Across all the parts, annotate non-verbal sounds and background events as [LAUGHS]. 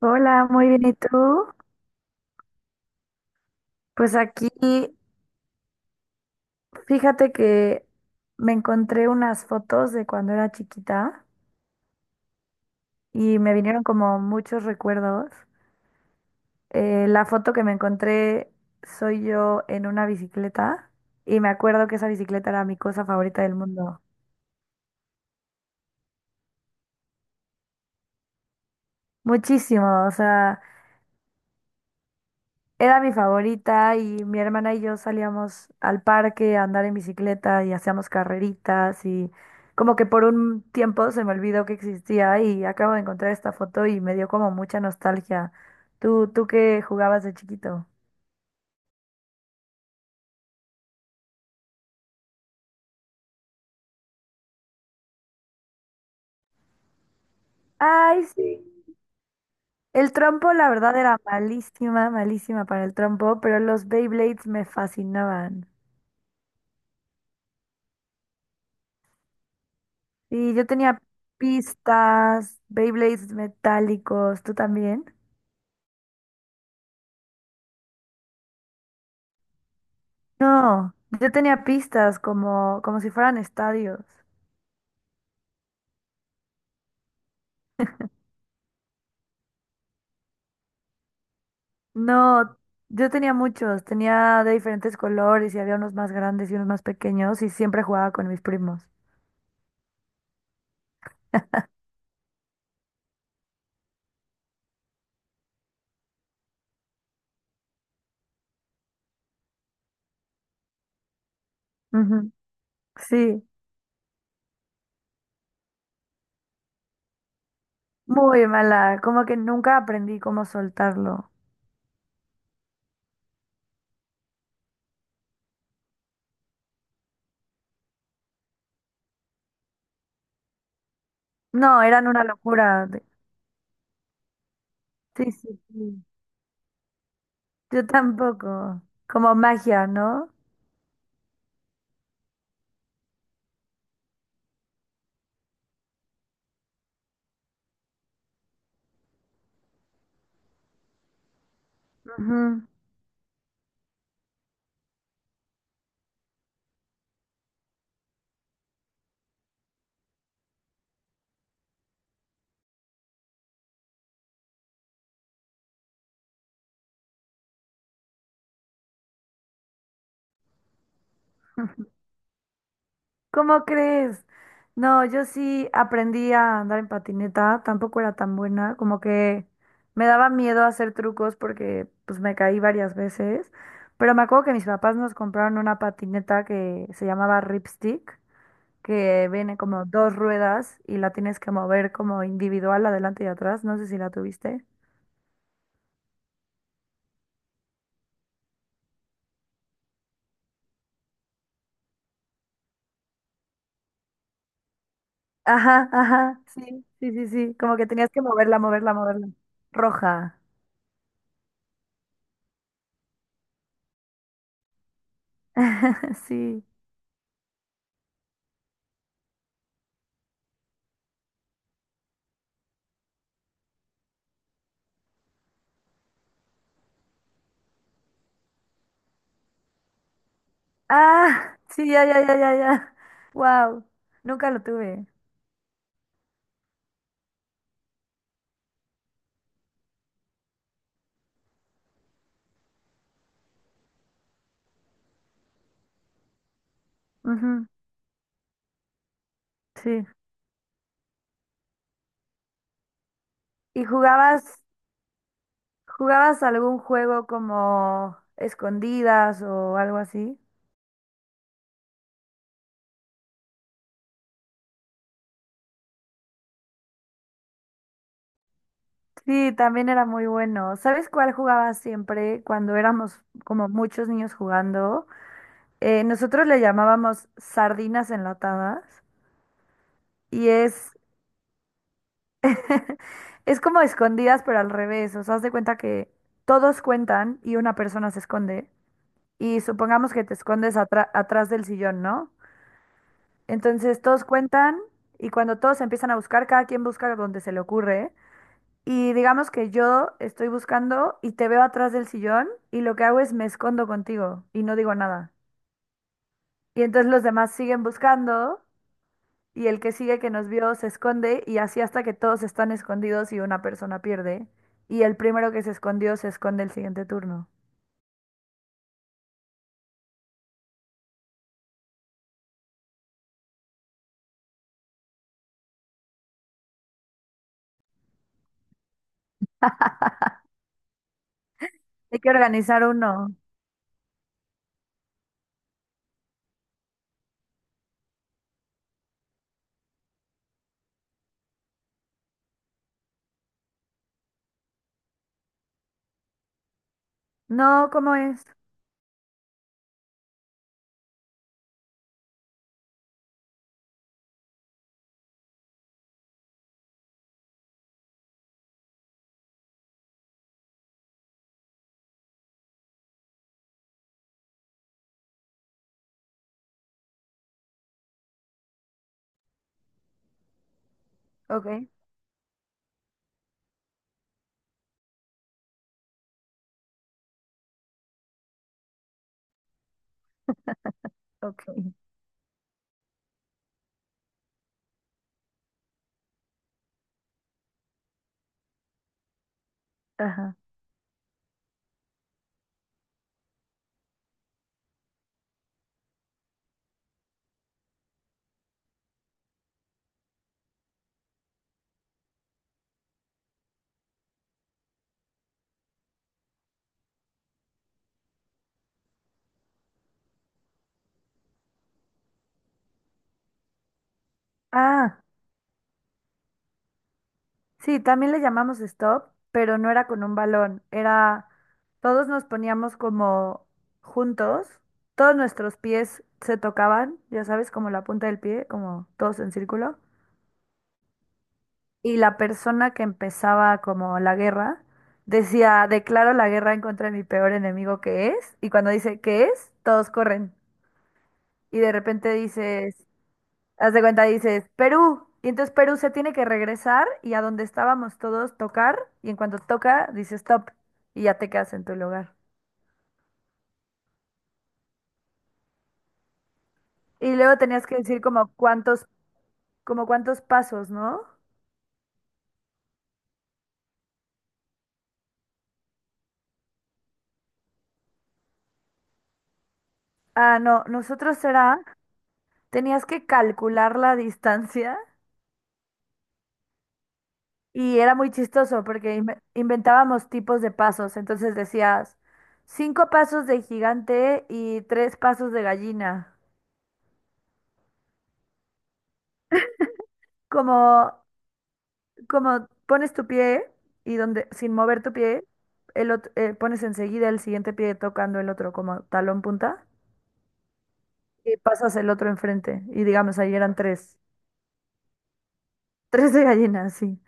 Hola, muy bien. ¿Y tú? Pues aquí, fíjate que me encontré unas fotos de cuando era chiquita y me vinieron como muchos recuerdos. La foto que me encontré soy yo en una bicicleta y me acuerdo que esa bicicleta era mi cosa favorita del mundo. Muchísimo, o sea, era mi favorita y mi hermana y yo salíamos al parque a andar en bicicleta y hacíamos carreritas y como que por un tiempo se me olvidó que existía y acabo de encontrar esta foto y me dio como mucha nostalgia. ¿Tú qué jugabas de chiquito? Ay, sí. El trompo, la verdad, era malísima, malísima para el trompo, pero los Beyblades me fascinaban. Y yo tenía pistas, Beyblades metálicos, ¿tú también? No, yo tenía pistas como si fueran estadios. No, yo tenía muchos, tenía de diferentes colores y había unos más grandes y unos más pequeños y siempre jugaba con mis primos. Ujú. Sí, muy mala, como que nunca aprendí cómo soltarlo. No, eran una locura. Sí, sí, sí. Yo tampoco, como magia, ¿no? Ujú. [LAUGHS] ¿Cómo crees? No, yo sí aprendí a andar en patineta, tampoco era tan buena, como que me daba miedo hacer trucos porque pues me caí varias veces, pero me acuerdo que mis papás nos compraron una patineta que se llamaba Ripstick, que viene como dos ruedas y la tienes que mover como individual adelante y atrás, no sé si la tuviste. Ajá, ajá, sí, sí, sí, sí, como que tenías que moverla, moverla, moverla. Roja, [LAUGHS] sí. Ah, sí, ya, ya, ya, ya, ya. Wow, nunca lo tuve. Ujú, sí. ¿Y Jugabas algún juego como escondidas o algo así? Sí, también era muy bueno. ¿Sabes cuál jugaba siempre cuando éramos como muchos niños jugando? Nosotros le llamábamos sardinas enlatadas y es, [LAUGHS] es como escondidas pero al revés. O sea, haz de cuenta que todos cuentan y una persona se esconde. Y supongamos que te escondes atrás del sillón, ¿no? Entonces todos cuentan y cuando todos empiezan a buscar, cada quien busca donde se le ocurre. Y digamos que yo estoy buscando y te veo atrás del sillón y lo que hago es me escondo contigo y no digo nada. Y entonces los demás siguen buscando y el que sigue que nos vio se esconde y así hasta que todos están escondidos y una persona pierde. Y el primero que se escondió se esconde el siguiente turno. Hay que organizar uno. No, ¿cómo es? Ok, ok. Ajá. Ah, sí, también le llamamos stop, pero no era con un balón, era todos nos poníamos como juntos, todos nuestros pies se tocaban, ya sabes, como la punta del pie, como todos en círculo, y la persona que empezaba como la guerra decía, declaro la guerra en contra de mi peor enemigo que es, y cuando dice que es, todos corren, y de repente dices, haz de cuenta, dices, Perú. Y entonces Perú se tiene que regresar y a donde estábamos todos tocar. Y en cuanto toca, dices stop. Y ya te quedas en tu lugar. Y luego tenías que decir como cuántos pasos, ¿no? Ah, no, nosotros era, tenías que calcular la distancia y era muy chistoso porque inventábamos tipos de pasos. Entonces decías, cinco pasos de gigante y tres pasos de gallina. Como, como pones tu pie y donde, sin mover tu pie, pones enseguida el siguiente pie tocando el otro como talón punta y pasas el otro enfrente. Y digamos, ahí eran tres, [LAUGHS] tres de gallina, sí.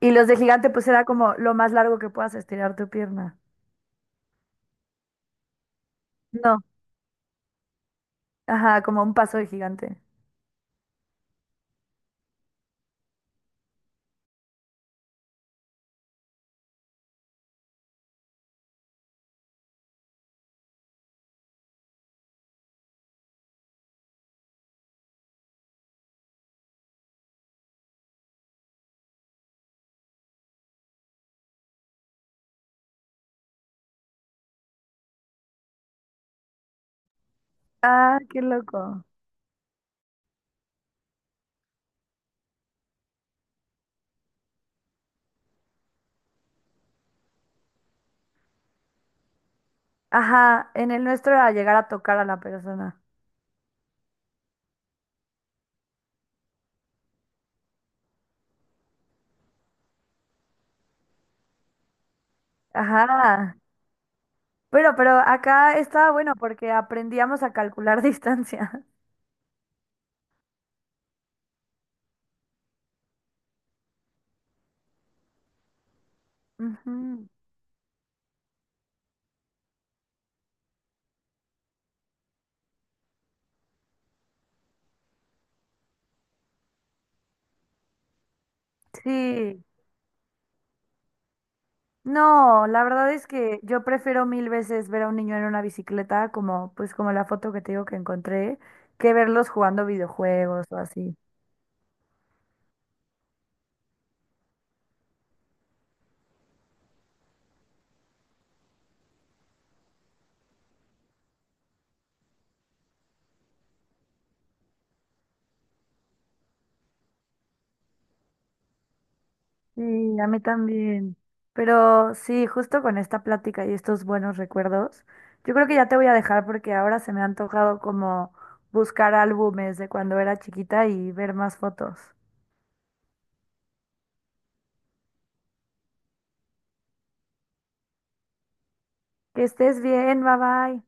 Y los de gigante, pues era como lo más largo que puedas estirar tu pierna. No, ajá, como un paso de gigante. Ah, qué loco. Ajá, en el nuestro era llegar a tocar a la persona. Ajá. Bueno, pero acá estaba bueno porque aprendíamos a calcular [LAUGHS] distancia. Ujú. Sí. No, la verdad es que yo prefiero mil veces ver a un niño en una bicicleta, como pues como la foto que te digo que encontré, que verlos jugando videojuegos o así. Sí, a mí también. Pero sí, justo con esta plática y estos buenos recuerdos, yo creo que ya te voy a dejar porque ahora se me ha antojado como buscar álbumes de cuando era chiquita y ver más fotos. Que estés bien, bye bye.